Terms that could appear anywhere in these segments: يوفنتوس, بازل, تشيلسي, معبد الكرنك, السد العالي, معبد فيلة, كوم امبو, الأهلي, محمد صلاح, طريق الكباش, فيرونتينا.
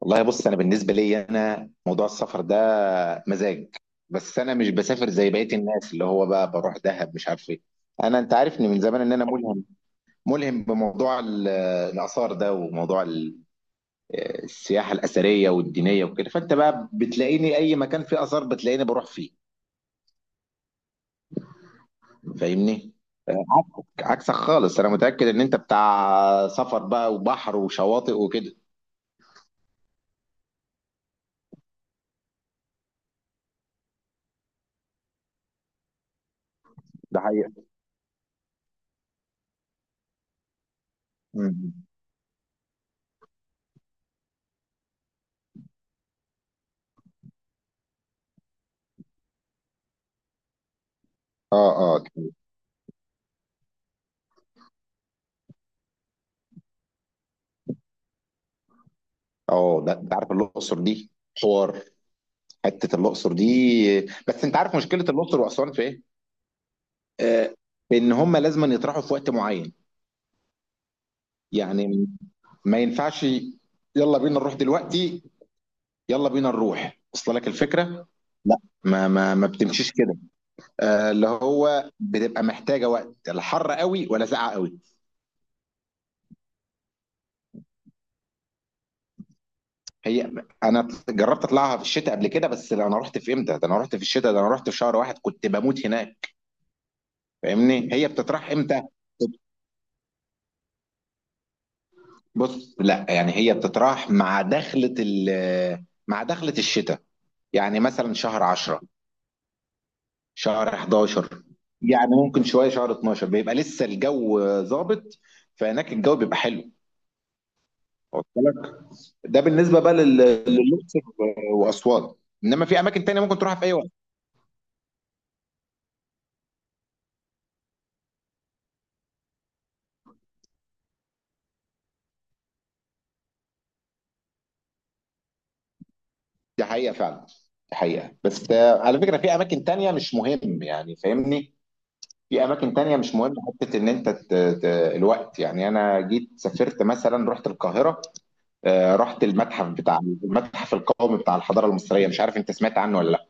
والله، بص. انا بالنسبه لي، انا موضوع السفر ده مزاج. بس انا مش بسافر زي بقيه الناس اللي هو بقى بروح دهب، مش عارف ايه. انت عارفني من زمان ان انا ملهم. ملهم بموضوع الاثار ده، وموضوع السياحه الاثريه والدينيه وكده. فانت بقى بتلاقيني اي مكان فيه اثار، بتلاقيني بروح فيه. فاهمني؟ عكسك، عكسك خالص. انا متاكد ان انت بتاع سفر بقى وبحر وشواطئ وكده. ده حقيقة. مم. اه، اه، اه. ده انت عارف الاقصر دي، حوار. حته الاقصر دي. بس انت عارف مشكله الاقصر واسوان في ايه؟ آه ان هم لازم يطرحوا في وقت معين. يعني ما ينفعش يلا بينا نروح دلوقتي. يلا بينا نروح، وصل لك الفكره؟ لا، ما بتمشيش كده. اللي هو بتبقى محتاجه وقت، لا حر قوي ولا ساقعه قوي. هي انا جربت اطلعها في الشتاء قبل كده، بس انا رحت في امتى؟ ده انا رحت في الشتاء، ده انا رحت في شهر واحد، كنت بموت هناك. فاهمني؟ هي بتطرح امتى؟ بص، لا يعني هي بتطرح مع دخلة ال مع دخلة الشتاء. يعني مثلا شهر 10، شهر 11، يعني ممكن شوية شهر 12 بيبقى لسه الجو ظابط. فهناك الجو بيبقى حلو. واصل لك. ده بالنسبة بقى للأقصر وأسوان. إنما في أماكن تانية ممكن تروحها في أي وقت. دي حقيقة فعلا. دي حقيقة، بس على فكرة، في أماكن تانية مش مهم، يعني فاهمني، في أماكن تانية مش مهم. حتة إن أنت الوقت، يعني أنا جيت سافرت مثلا، رحت القاهرة. رحت المتحف القومي بتاع الحضاره المصريه، مش عارف انت سمعت عنه ولا لا.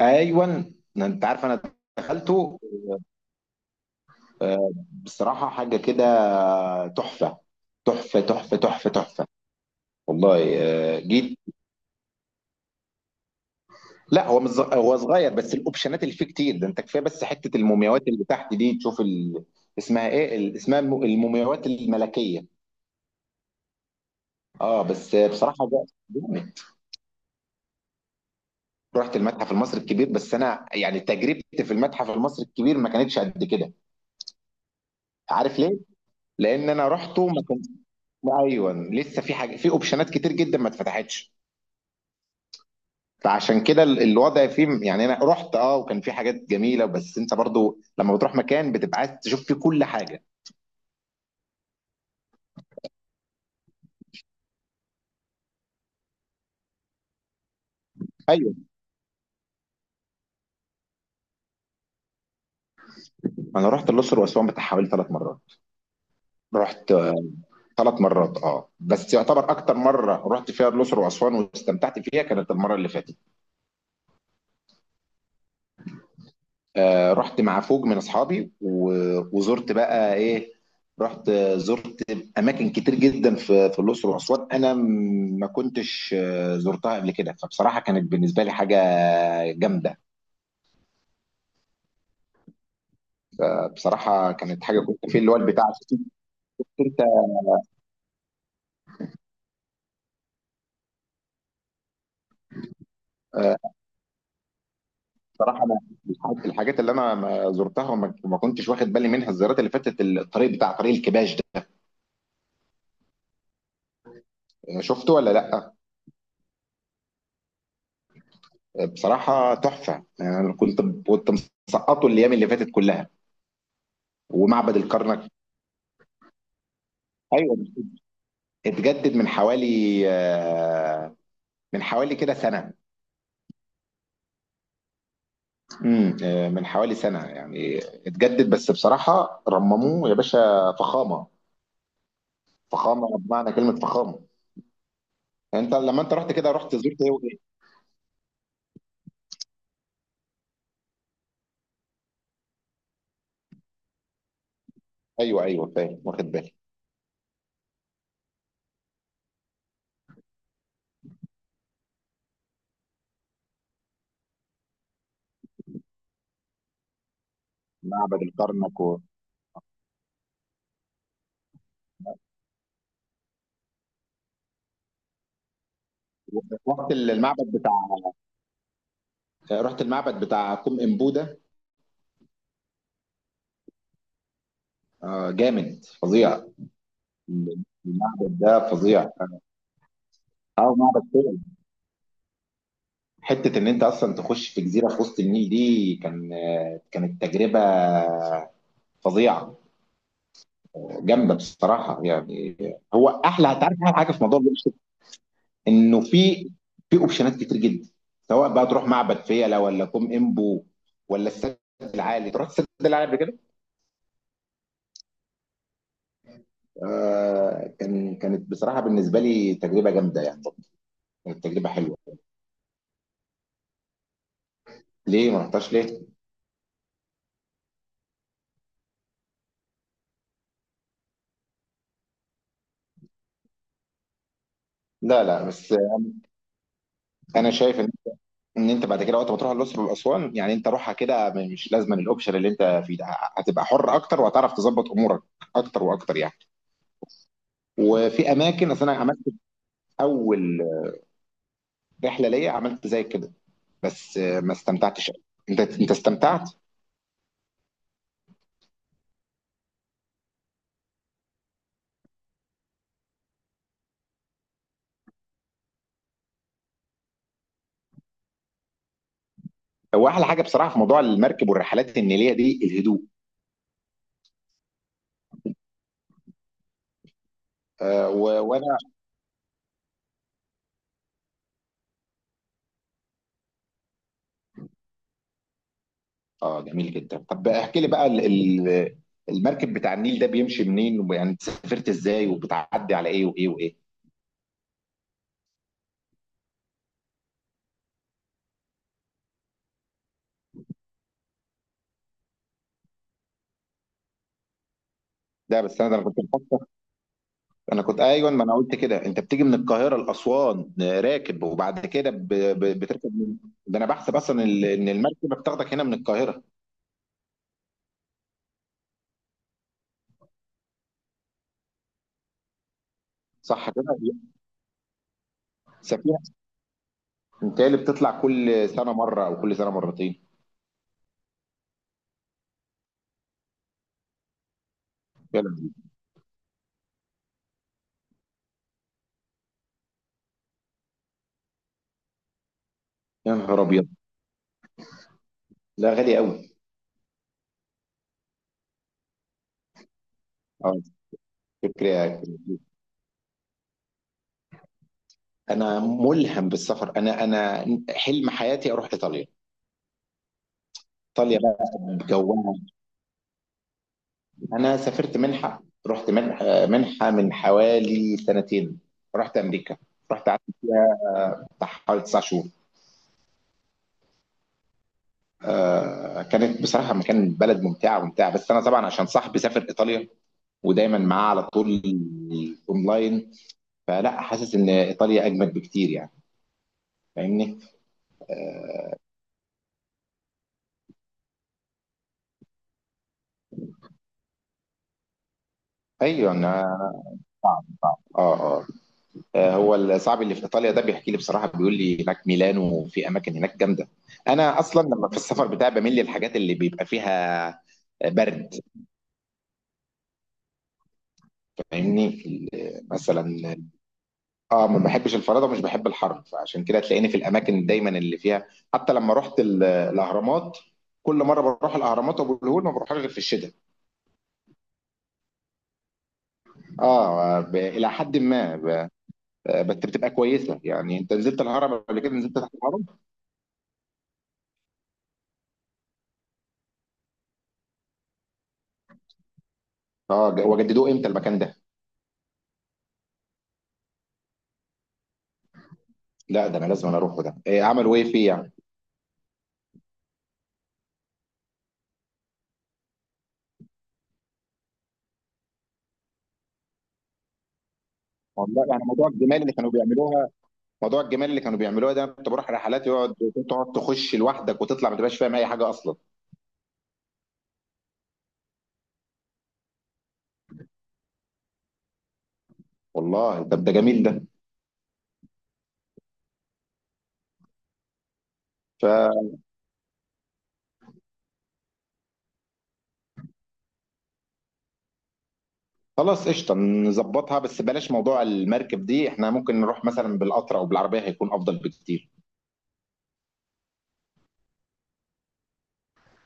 ايوه، انت عارف انا دخلته. آه، بصراحه حاجه كده تحفه. تحفه، تحفه، تحفه، تحفه. والله. جيت، لا هو مش هو صغير، بس الاوبشنات اللي فيه كتير ده، انت كفايه بس حته المومياوات اللي تحت دي. تشوف اسمها ايه، المومياوات الملكيه. اه، بس بصراحه ده جامد. رحت المتحف المصري الكبير، بس انا يعني تجربتي في المتحف المصري الكبير ما كانتش قد كده. عارف ليه؟ لان انا رحته ما كانش، ايوه، لسه في حاجه، في اوبشنات كتير جدا ما اتفتحتش. فعشان كده الوضع فيه، يعني انا رحت وكان في حاجات جميله، بس انت برضو لما بتروح مكان بتبقى عايز تشوف فيه كل حاجه. ايوه، انا رحت الاقصر واسوان بتاع حوالي 3 مرات. رحت ثلاث مرات، اه، بس يعتبر اكتر مره رحت فيها الاقصر واسوان واستمتعت فيها كانت المره اللي فاتت. رحت مع فوج من اصحابي، وزرت بقى ايه. رحت آه، زرت اماكن كتير جدا في الاقصر واسوان، انا ما كنتش زرتها قبل كده، فبصراحه كانت بالنسبه لي حاجه جامده. بصراحه كانت حاجه كنت في اللي هو البتاع شفت انت. آه، بصراحه انا الحاجات اللي انا ما زرتها وما كنتش واخد بالي منها الزيارات اللي فاتت، الطريق بتاع طريق الكباش ده. شفته ولا لا. بصراحه تحفه. انا يعني كنت مسقطه الايام اللي فاتت كلها، ومعبد الكرنك. ايوه، اتجدد آه، من حوالي كده سنه. من حوالي سنه، يعني اتجدد، بس بصراحه رمموه يا باشا، فخامه، فخامه بمعنى كلمه فخامه. انت لما رحت كده، رحت زرت ايه وايه؟ ايوه، ايوه، فاهم واخد بالي. معبد الكرنك و- رحت المعبد بتاع رحت المعبد بتاع كوم امبوده. جامد فظيع. المعبد ده فظيع. اه معبد حتة إن أنت أصلا تخش في جزيرة في وسط النيل دي كانت تجربة فظيعة جامدة بصراحة يعني. هو هتعرف أحلى حاجة في موضوع الأقصر، إنه في أوبشنات كتير جدا، سواء بقى تروح معبد فيلة ولا كوم إمبو ولا السد العالي. تروح السد العالي قبل كده؟ آه، كانت بصراحة بالنسبة لي تجربة جامدة يعني. كانت تجربة حلوة. ليه ما رحتهاش، ليه؟ لا، لا، بس أنا شايف ان انت بعد كده وقت ما تروح الاقصر واسوان، يعني انت روحها كده، مش لازم الاوبشن اللي انت فيه ده، هتبقى حر اكتر وهتعرف تظبط امورك اكتر واكتر يعني. وفي اماكن، اصل انا عملت اول رحله ليا عملت زي كده، بس ما استمتعتش أوي. انت استمتعت. هو احلى حاجه بصراحه في موضوع المركب والرحلات النيليه دي الهدوء. وانا. اه، جميل جدا. طب احكي لي بقى المركب بتاع النيل ده بيمشي منين، ويعني سافرت ازاي، وبتعدي على ايه وايه وايه؟ ده بس انا ده أنا كنت، انا كنت ما انا قلت كده، انت بتيجي من القاهره لاسوان راكب، وبعد كده بتركب ده انا بحسب اصلا ان المركبه بتاخدك هنا من القاهره. صح كده. سفينه. انت اللي بتطلع كل سنه مره او كل سنه مرتين. يا لهوي. يا نهار ابيض، لا غالي قوي. اه، فكرة. انا ملهم بالسفر، انا حلم حياتي اروح ايطاليا. ايطاليا بقى بجوها. انا سافرت منحه، رحت منحه من حوالي سنتين. رحت امريكا. رحت قعدت بتاع حوالي 9 شهور. كانت بصراحه بلد ممتعه، ممتعه، بس انا طبعا عشان صاحبي سافر ايطاليا ودايما معاه على طول اونلاين، فلا حاسس ان ايطاليا اجمد بكتير يعني. فاهمني؟ ايوه، انا اه اه آه، هو صاحبي اللي في ايطاليا ده بيحكي لي بصراحه، بيقول لي هناك ميلانو وفي اماكن هناك جامده. انا اصلا لما في السفر بتاعي بميل للحاجات اللي بيبقى فيها برد. فاهمني؟ مثلا، اه ما بحبش الفرادة، ومش بحب الحر، فعشان كده تلاقيني في الاماكن دايما اللي فيها. حتى لما رحت الاهرامات، كل مره بروح الاهرامات وابو الهول ما بروحهاش غير في الشتاء. اه، الى حد ما، ب... آه، بس بتبقى كويسه، يعني انت نزلت الهرم قبل كده، نزلت تحت الهرم. اه، وجددوه امتى المكان ده؟ لا ده انا لازم، أنا اروحه، ده إيه عملوا ايه فيه يعني؟ والله يعني موضوع الجمال اللي كانوا بيعملوها، موضوع الجمال اللي كانوا بيعملوها ده، كنت بروح رحلات تقعد تخش لوحدك وتطلع ما تبقاش فاهم اي حاجه اصلا. والله ده جميل. ده خلاص قشطة، نظبطها، بس بلاش موضوع المركب دي، احنا ممكن نروح مثلا بالقطر او بالعربية، هيكون افضل بكتير.